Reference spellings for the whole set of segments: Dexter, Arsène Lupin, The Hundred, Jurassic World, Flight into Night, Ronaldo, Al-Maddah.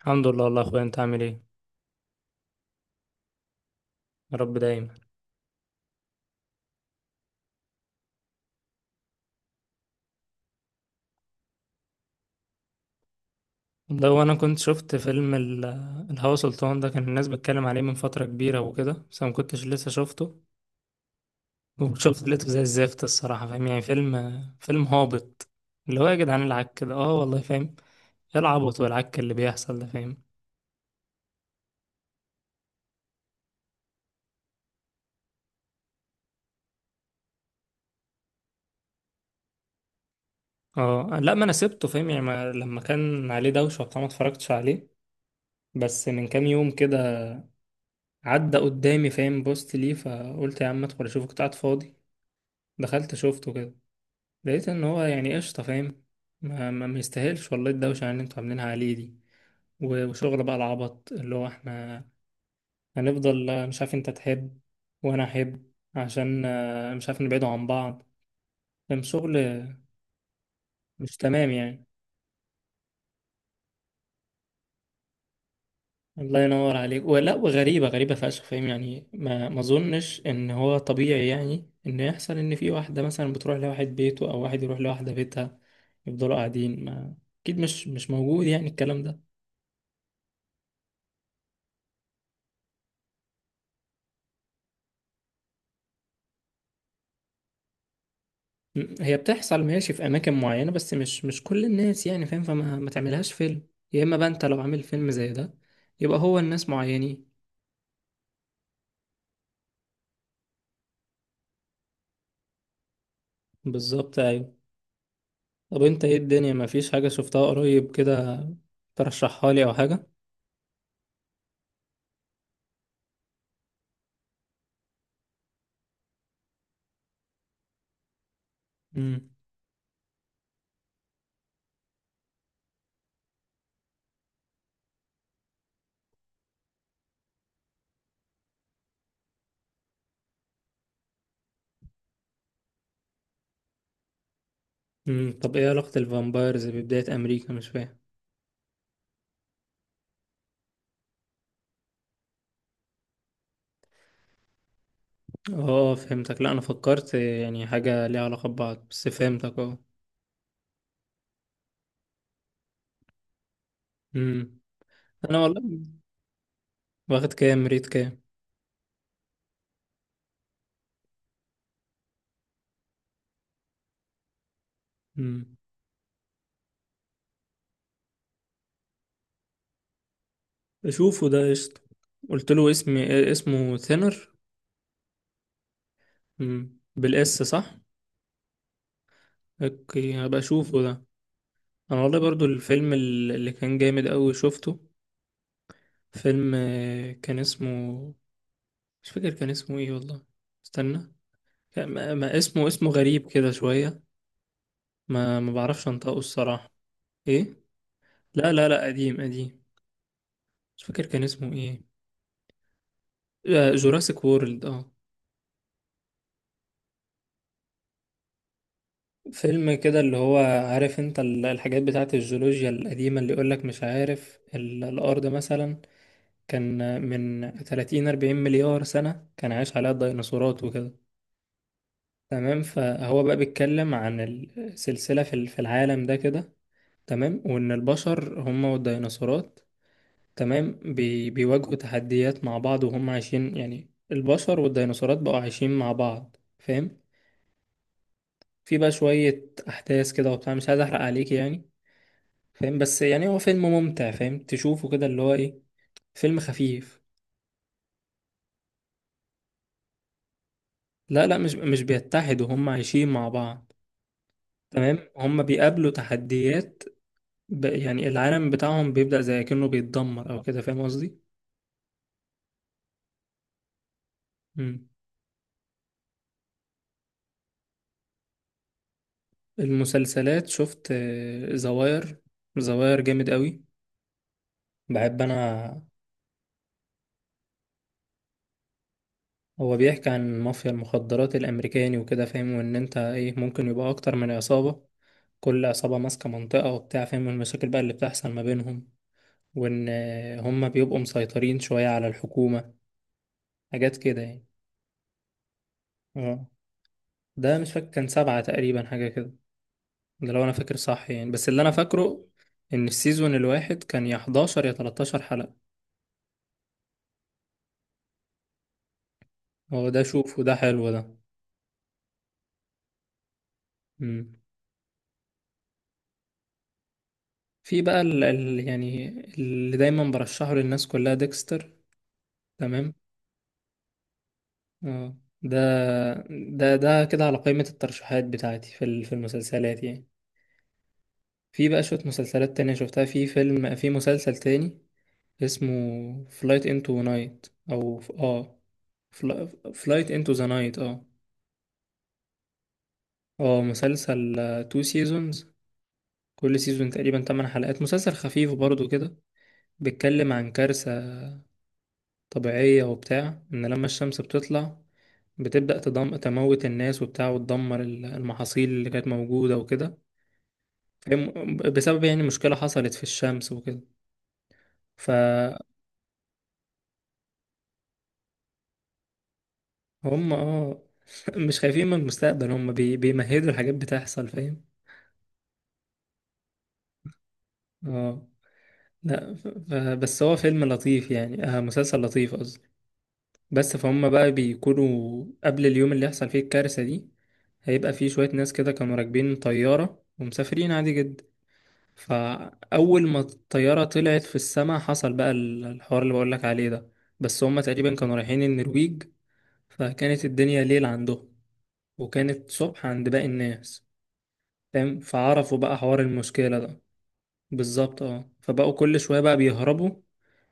الحمد لله والله يا اخويا، انت عامل ايه؟ يا رب دايما. لو انا كنت شفت فيلم الهوى سلطان ده، كان الناس بتتكلم عليه من فترة كبيرة وكده، بس أنا ما كنتش لسه شفته. وشفت لقيته زي الزفت الصراحة، فاهم؟ يعني فيلم هابط، اللي هو يا جدعان العك كده، اه والله فاهم. ايه العبط والعك اللي بيحصل ده، فاهم؟ اه لا، ما انا سبته، فاهم؟ يعني ما لما كان عليه دوشة وبتاع ما اتفرجتش عليه. بس من كام يوم كده عدى قدامي، فاهم؟ بوست ليه، فقلت يا عم ادخل اشوفه، كنت قاعد فاضي. دخلت شفته كده، لقيت ان هو يعني قشطة، فاهم؟ ما يستاهلش والله الدوشة اللي انتوا عاملينها عليه دي. وشغل بقى العبط، اللي هو احنا هنفضل مش عارف، انت تحب وانا احب، عشان مش عارف نبعدوا عن بعض، فاهم؟ شغل مش تمام يعني. الله ينور عليك. ولا، وغريبة، غريبة فشخ، فاهم؟ يعني ما اظنش ان هو طبيعي، يعني ان يحصل ان في واحدة مثلا بتروح لواحد بيته او واحد يروح لواحدة بيتها، يفضلوا قاعدين. ما اكيد مش موجود يعني الكلام ده. هي بتحصل ماشي في اماكن معينه، بس مش كل الناس يعني، فاهم؟ فما ما تعملهاش فيلم. يا اما بقى انت لو عامل فيلم زي ده، يبقى هو الناس معينين. بالظبط ايوه. طب انت ايه الدنيا، ما فيش حاجه شفتها قريب كده ترشحها لي او حاجه؟ امم. امم. طب ايه علاقه الفامبايرز ببدايه امريكا؟ مش فاهم. اه فهمتك، لا انا فكرت يعني حاجه ليها علاقه ببعض، بس فهمتك اه. امم. انا والله، واخد كام ريت؟ كام؟ امم. اشوفه ده قشطه. قلت له اسمي، اسمه ثينر. مم. بالاس صح. اوكي، هبقى اشوفه ده. انا والله برضو الفيلم اللي كان جامد قوي شفته، فيلم كان اسمه، مش فاكر كان اسمه ايه والله. استنى. ما اسمه، اسمه غريب كده شوية، ما بعرفش انطقه الصراحة. ايه؟ لا لا لا، قديم قديم. مش فاكر كان اسمه ايه. جوراسيك وورلد اه. فيلم كده اللي هو، عارف انت الحاجات بتاعت الجيولوجيا القديمة، اللي يقولك مش عارف الأرض مثلا كان من 30 40 مليار سنة كان عايش عليها الديناصورات وكده. تمام. فهو بقى بيتكلم عن السلسلة في في العالم ده كده. تمام، وإن البشر هم والديناصورات، تمام، بيواجهوا تحديات مع بعض، وهم عايشين، يعني البشر والديناصورات بقوا عايشين مع بعض، فاهم؟ في بقى شوية أحداث كده وبتاع، مش عايز أحرق عليك يعني، فاهم؟ بس يعني هو فيلم ممتع، فاهم؟ تشوفه كده اللي هو إيه، فيلم خفيف. لا لا، مش بيتحدوا، هم عايشين مع بعض. تمام، هم بيقابلوا تحديات، يعني العالم بتاعهم بيبدأ زي كأنه بيتدمر أو كده، فاهم قصدي؟ مم. المسلسلات شفت زواير. زواير جامد قوي، بحب أنا. هو بيحكي عن مافيا المخدرات الأمريكاني وكده، فاهم؟ وإن أنت إيه، ممكن يبقى أكتر من عصابة، كل عصابة ماسكة منطقة وبتاع، فاهم؟ والمشاكل بقى اللي بتحصل ما بينهم، وإن هم بيبقوا مسيطرين شوية على الحكومة، حاجات كده يعني. اه، ده مش فاكر كان سبعة تقريبا حاجة كده، ده لو انا فاكر صح يعني، بس اللي انا فاكره ان السيزون الواحد كان يا 11 يا 13 حلقة. هو ده شوف، وده حلو ده. مم. في بقى ال يعني، اللي دايما برشحه للناس كلها، ديكستر. تمام، اه. ده ده كده على قائمة الترشيحات بتاعتي في المسلسلات يعني. في بقى شوية مسلسلات تانية شفتها، في فيلم، في مسلسل تاني اسمه فلايت انتو نايت، او اه فلايت انتو ذا نايت اه. اه مسلسل، تو سيزونز، كل سيزون تقريبا 8 حلقات، مسلسل خفيف برضو كده. بيتكلم عن كارثة طبيعية وبتاع، ان لما الشمس بتطلع بتبدأ تموت الناس وبتاع، وتدمر المحاصيل اللي كانت موجودة وكده، فاهم؟ بسبب يعني مشكلة حصلت في الشمس وكده، فهم. اه مش خايفين من المستقبل، هم بيمهدوا الحاجات بتحصل، فاهم؟ اه لا، بس هو فيلم لطيف يعني، آه مسلسل لطيف. بس فهم بقى بيكونوا قبل اليوم اللي يحصل فيه الكارثة دي، هيبقى فيه شوية ناس كده كانوا راكبين طيارة ومسافرين عادي جدا. فأول ما الطيارة طلعت في السماء، حصل بقى الحوار اللي بقولك عليه ده. بس هم تقريبا كانوا رايحين النرويج، فكانت الدنيا ليل عندهم، وكانت صبح عند باقي الناس، فاهم؟ فعرفوا بقى حوار المشكلة ده. بالظبط اه. فبقوا كل شوية بقى بيهربوا،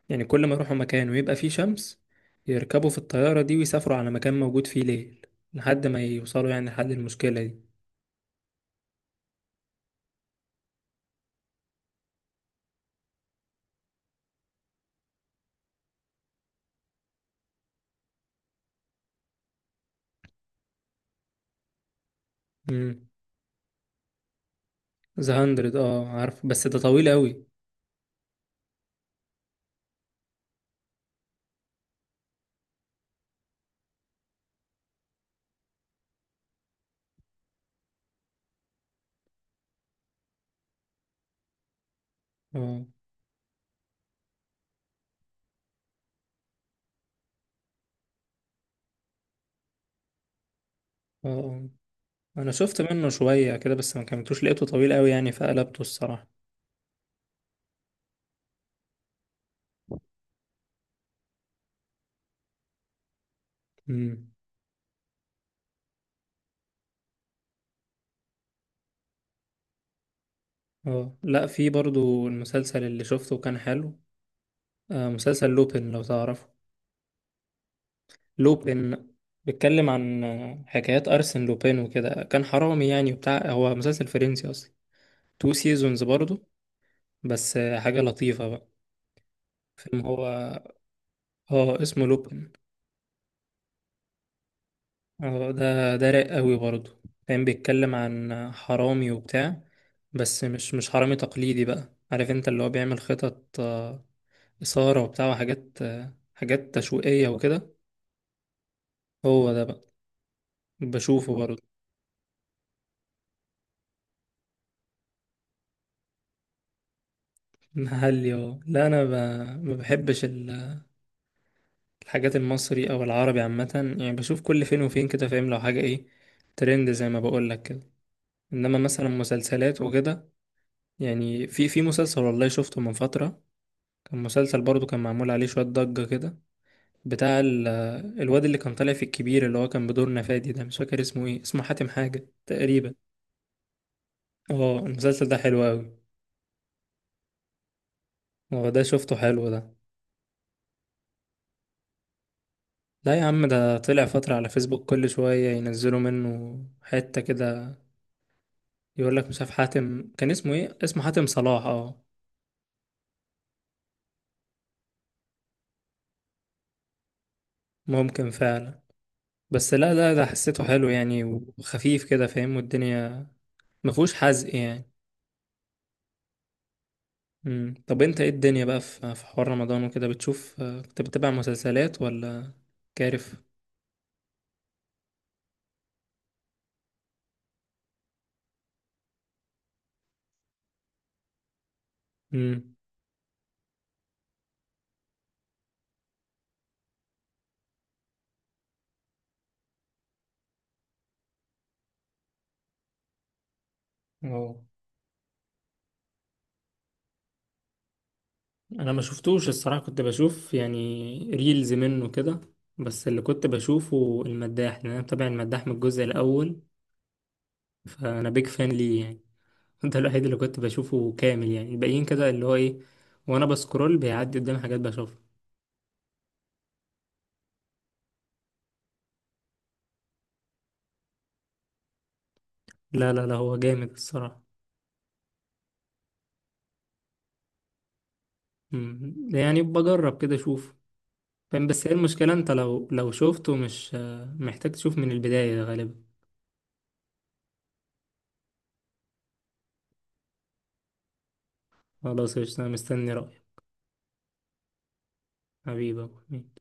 يعني كل ما يروحوا مكان ويبقى فيه شمس، يركبوا في الطيارة دي ويسافروا على مكان موجود فيه ليل، لحد ما يوصلوا يعني لحد المشكلة دي. امم. ذا هندرد اه، عارف، بس ده طويل قوي. اه اه آه. انا شفت منه شوية كده بس ما كملتوش، لقيته طويل قوي يعني فقلبته الصراحة. امم. اه لا، في برضو المسلسل اللي شفته كان حلو، آه مسلسل لوبين لو تعرفه. لوبين، بيتكلم عن حكايات أرسن لوبين وكده، كان حرامي يعني وبتاع، هو مسلسل فرنسي أصلا. تو سيزونز برضو، بس حاجة لطيفة بقى. فيلم هو، اه اسمه لوبين اه. ده ده رايق قوي برضو، كان بيتكلم عن حرامي وبتاع، بس مش حرامي تقليدي بقى، عارف انت اللي هو بيعمل خطط، إثارة وبتاع وحاجات، حاجات تشويقية وكده. هو ده بقى، بشوفه برضو. محلي اه لا، انا ما بحبش الحاجات المصري او العربي عامة يعني، بشوف كل فين وفين كده، فاهم؟ لو حاجة ايه ترند زي ما بقول لك، انما مثلا مسلسلات وكده. يعني في في مسلسل والله شفته من فترة، كان مسلسل برضو كان معمول عليه شوية ضجة كده، بتاع الواد اللي كان طالع في الكبير، اللي هو كان بدور نفادي ده، مش فاكر اسمه ايه، اسمه حاتم حاجة تقريبا. اه المسلسل ده حلو قوي. هو ده شفته، حلو ده. لا يا عم، ده طلع فترة على فيسبوك كل شوية ينزلوا منه حتة كده، يقول لك مش عارف حاتم كان اسمه ايه، اسمه حاتم صلاح اه. ممكن فعلا، بس لا لا، ده حسيته حلو يعني وخفيف كده، فاهم؟ والدنيا ما فيهوش حزق يعني. مم. طب انت ايه الدنيا بقى، في في حوار رمضان وكده بتشوف، كنت بتتابع مسلسلات ولا كارف؟ امم. اه انا ما شفتوش الصراحة، كنت بشوف يعني ريلز منه كده، بس اللي كنت بشوفه المداح، لان انا متابع المداح من الجزء الاول، فانا بيج فان ليه يعني ده الوحيد اللي كنت بشوفه كامل يعني، الباقيين كده اللي هو ايه، وانا بسكرول بيعدي قدام حاجات بشوفها. لا لا لا، هو جامد الصراحة. مم. يعني بجرب كده اشوف، فاهم؟ بس هي المشكلة انت لو شفته، مش محتاج تشوف من البداية غالبا. خلاص قشطة، انا مستني رأيك. حبيبي يا أبو حميد.